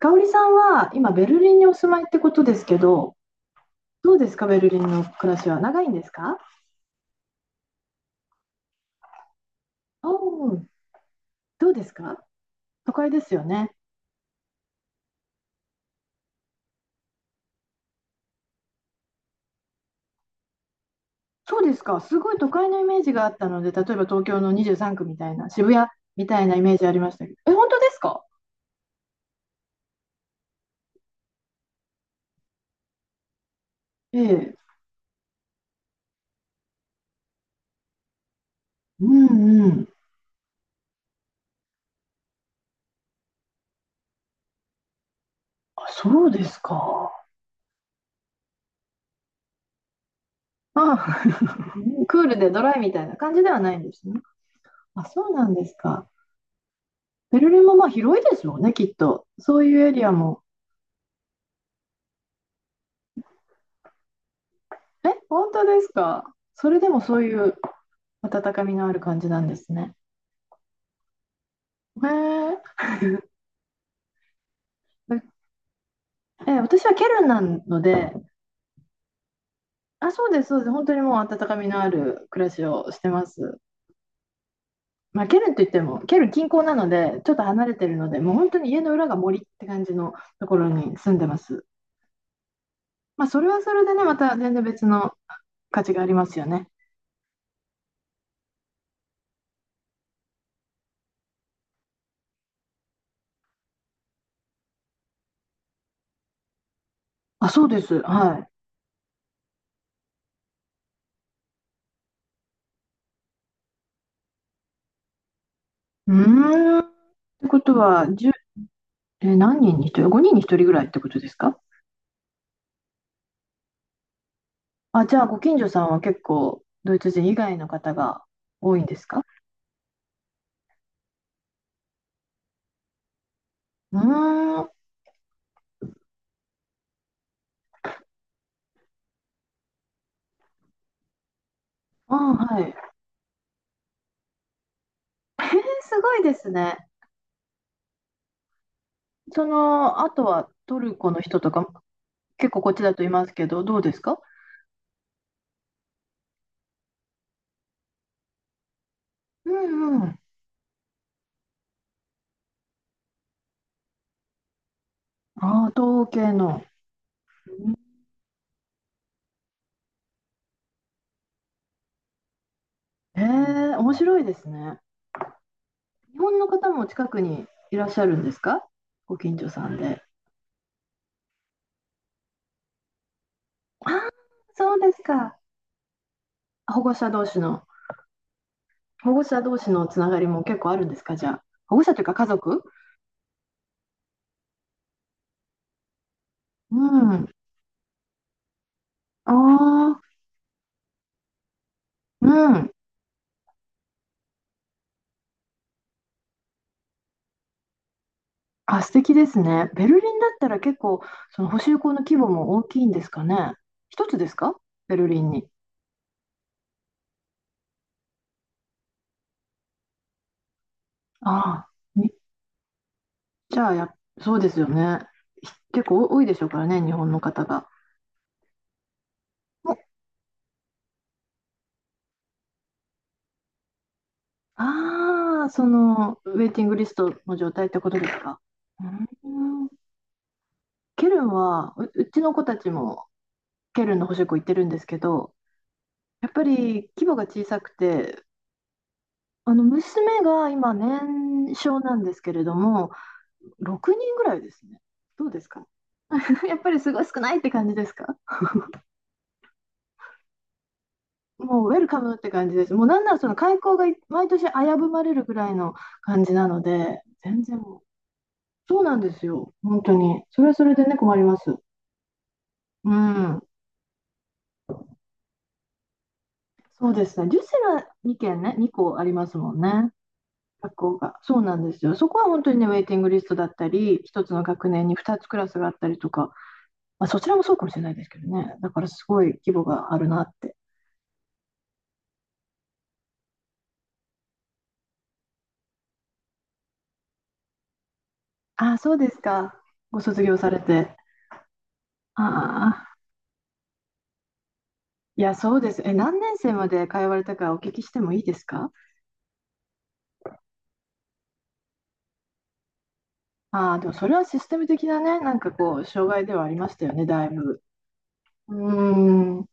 香織さんは今ベルリンにお住まいってことですけど、どうですか、ベルリンの暮らしは長いんですか？おお。どうですか？都会ですよね。そうですか、すごい都会のイメージがあったので、例えば東京の23区みたいな、渋谷みたいなイメージありましたけど、え、本当ですか？ええ。うんうん。あ、そうですか。あ、クールでドライみたいな感じではないんですね。あ、そうなんですか。ベルリンもまあ広いですよね、きっと。そういうエリアも、え、本当ですか？それでもそういう温かみのある感じなんですね。へえ。え、私はケルンなので、あ、そうです、そうです。本当にもう温かみのある暮らしをしてます。まあ、ケルンといっても、ケルン近郊なので、ちょっと離れてるので、もう本当に家の裏が森って感じのところに住んでます。まあ、それはそれでね、また全然別の価値がありますよね。あ、そうです。はい。うーん。ってことは、1え、何人に1人？ 5 人に1人ぐらいってことですか？あ、じゃあ、ご近所さんは結構、ドイツ人以外の方が多いんですか？うーん、あ、はい。すごいですね。その、あとはトルコの人とか、結構こっちだといますけど、どうですか？うんうん。ああ、東系の。へえ、面白いですね。日本の方も近くにいらっしゃるんですか？ご近所さんで。ああ、そうですか。保護者同士の、保護者同士のつながりも結構あるんですか、じゃあ。保護者というか家族。うん。ああ。うん。あ、素敵ですね。ベルリンだったら結構、その補修校の規模も大きいんですかね。一つですか？ベルリンに。ああ、みじゃあ、や、そうですよね。結構多いでしょうからね、日本の方が。おああ、ウェイティングリストの状態ってことですか。うん、ケルンは、うちの子たちもケルンの補習校行ってるんですけど、やっぱり規模が小さくて、あの娘が今年少なんですけれども、6人ぐらいですね。どうですか？ やっぱりすごい少ないって感じですか？もうウェルカムって感じです。もうなんならその開校が毎年危ぶまれるぐらいの感じなので、全然もう、そうなんですよ、本当に。それはそれでね、困ります。うん、そうですね。ジュセラは2件ね、2校ありますもんね、学校が。そうなんですよ。そこは本当にね、ウェイティングリストだったり、1つの学年に2つクラスがあったりとか、まあ、そちらもそうかもしれないですけどね、だからすごい規模があるなって。あ、そうですか。ご卒業されて。ああ、いや、そうです。え、何年生まで通われたかお聞きしてもいいですか？ああ、でもそれはシステム的なね、なんかこう、障害ではありましたよね、だいぶ。うーん。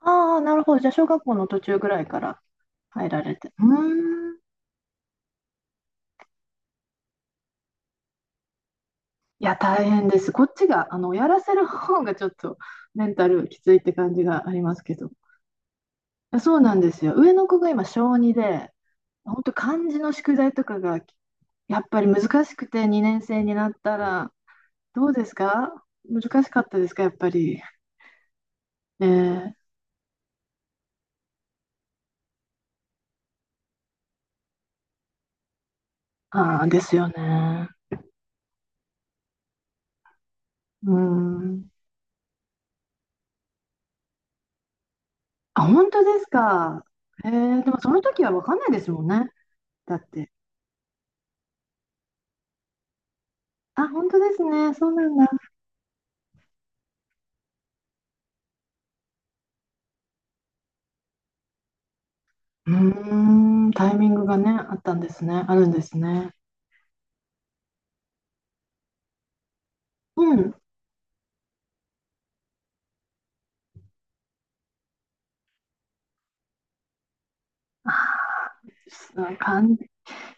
ああ、なるほど。じゃあ、小学校の途中ぐらいから入られて。うーん。いや、大変です。こっちが、やらせる方がちょっとメンタルきついって感じがありますけど。そうなんですよ。上の子が今、小2で、本当漢字の宿題とかがやっぱり難しくて2年生になったら、どうですか？難しかったですかやっぱり。ええ。ああ、ですよね。うん。あ、本当ですか。ええ、でもその時は分かんないですもんね。だって。あ、本当ですね。そうなんだ。うーん、タイミングがね、あったんですね。あるんですね。うん。ああ、い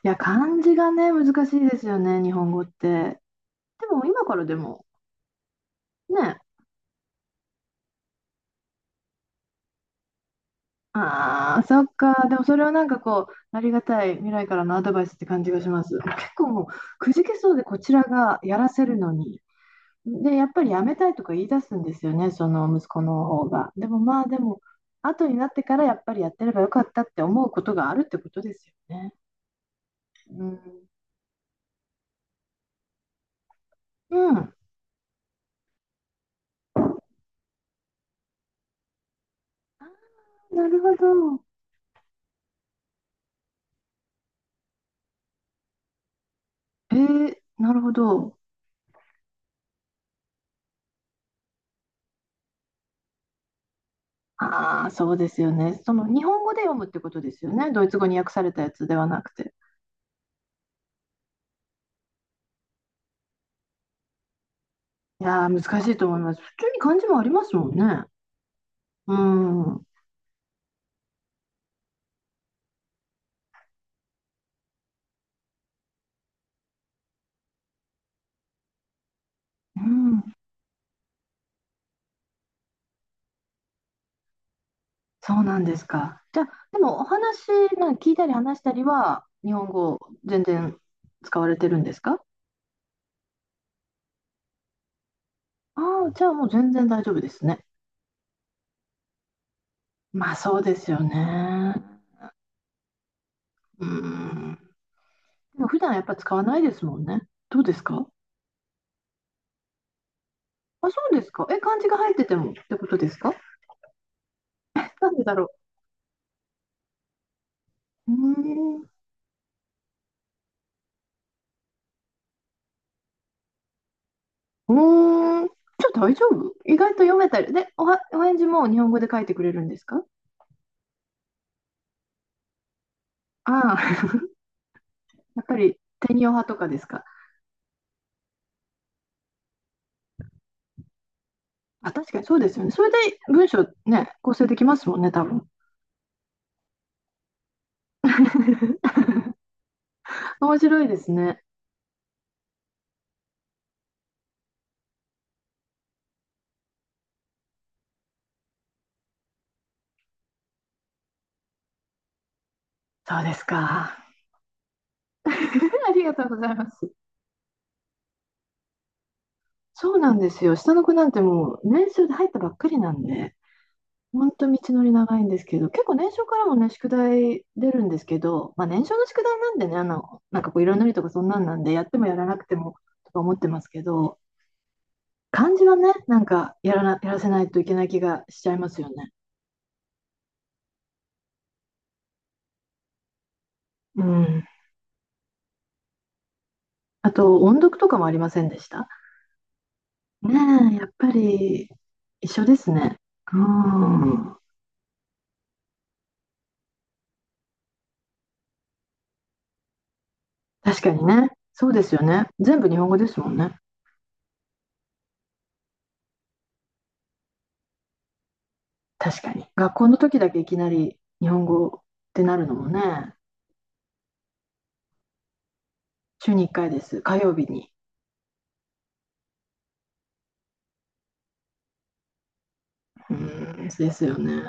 や、漢字がね、難しいですよね、日本語って。でも今からでも、ね、ああ、そっか。でもそれはなんかこう、ありがたい未来からのアドバイスって感じがします。結構もう、くじけそうでこちらがやらせるのに。で、やっぱりやめたいとか言い出すんですよね、その息子の方が。でもまあ、でも、後になってからやっぱりやってればよかったって思うことがあるってことですよね。うん。うん。あー、なるほど。なるほど。ああ、そうですよね。その日本語で読むってことですよね。ドイツ語に訳されたやつではなくて。いやー、難しいと思います。普通に漢字もありますもんね。うん。うん。そうなんですか。じゃあ、でもお話、なんか聞いたり話したりは、日本語全然使われてるんですか？ああー、じゃあもう全然大丈夫ですね。まあそうですよね。うん。でも普段やっぱ使わないですもんね。どうですか？あ、そうですか。え、漢字が入っててもってことですか？なんでだろう。うーん。うーん、じゃあ大丈夫意外と読めたり。で、お返事も日本語で書いてくれるんですか？ああ、やっぱり天用派とかですか？あ、確かにそうですよね。それで文章ね、構成できますもんね、多分。面白いですね。そうですか。ありがとうございます。そうなんですよ。下の子なんてもう年少で入ったばっかりなんで、ほんと道のり長いんですけど、結構年少からもね、宿題出るんですけど、まあ年少の宿題なんでね、なんかこう色塗りとかそんなんなんで、やってもやらなくてもとか思ってますけど、漢字はね、なんかやらせないといけない気がしちゃいますよね。うん。あと、音読とかもありませんでしたねえ、やっぱり一緒ですね。うん。確かにね。そうですよね。全部日本語ですもんね。確かに。学校の時だけいきなり日本語ってなるのもね。週に1回です。火曜日に。うんですよね。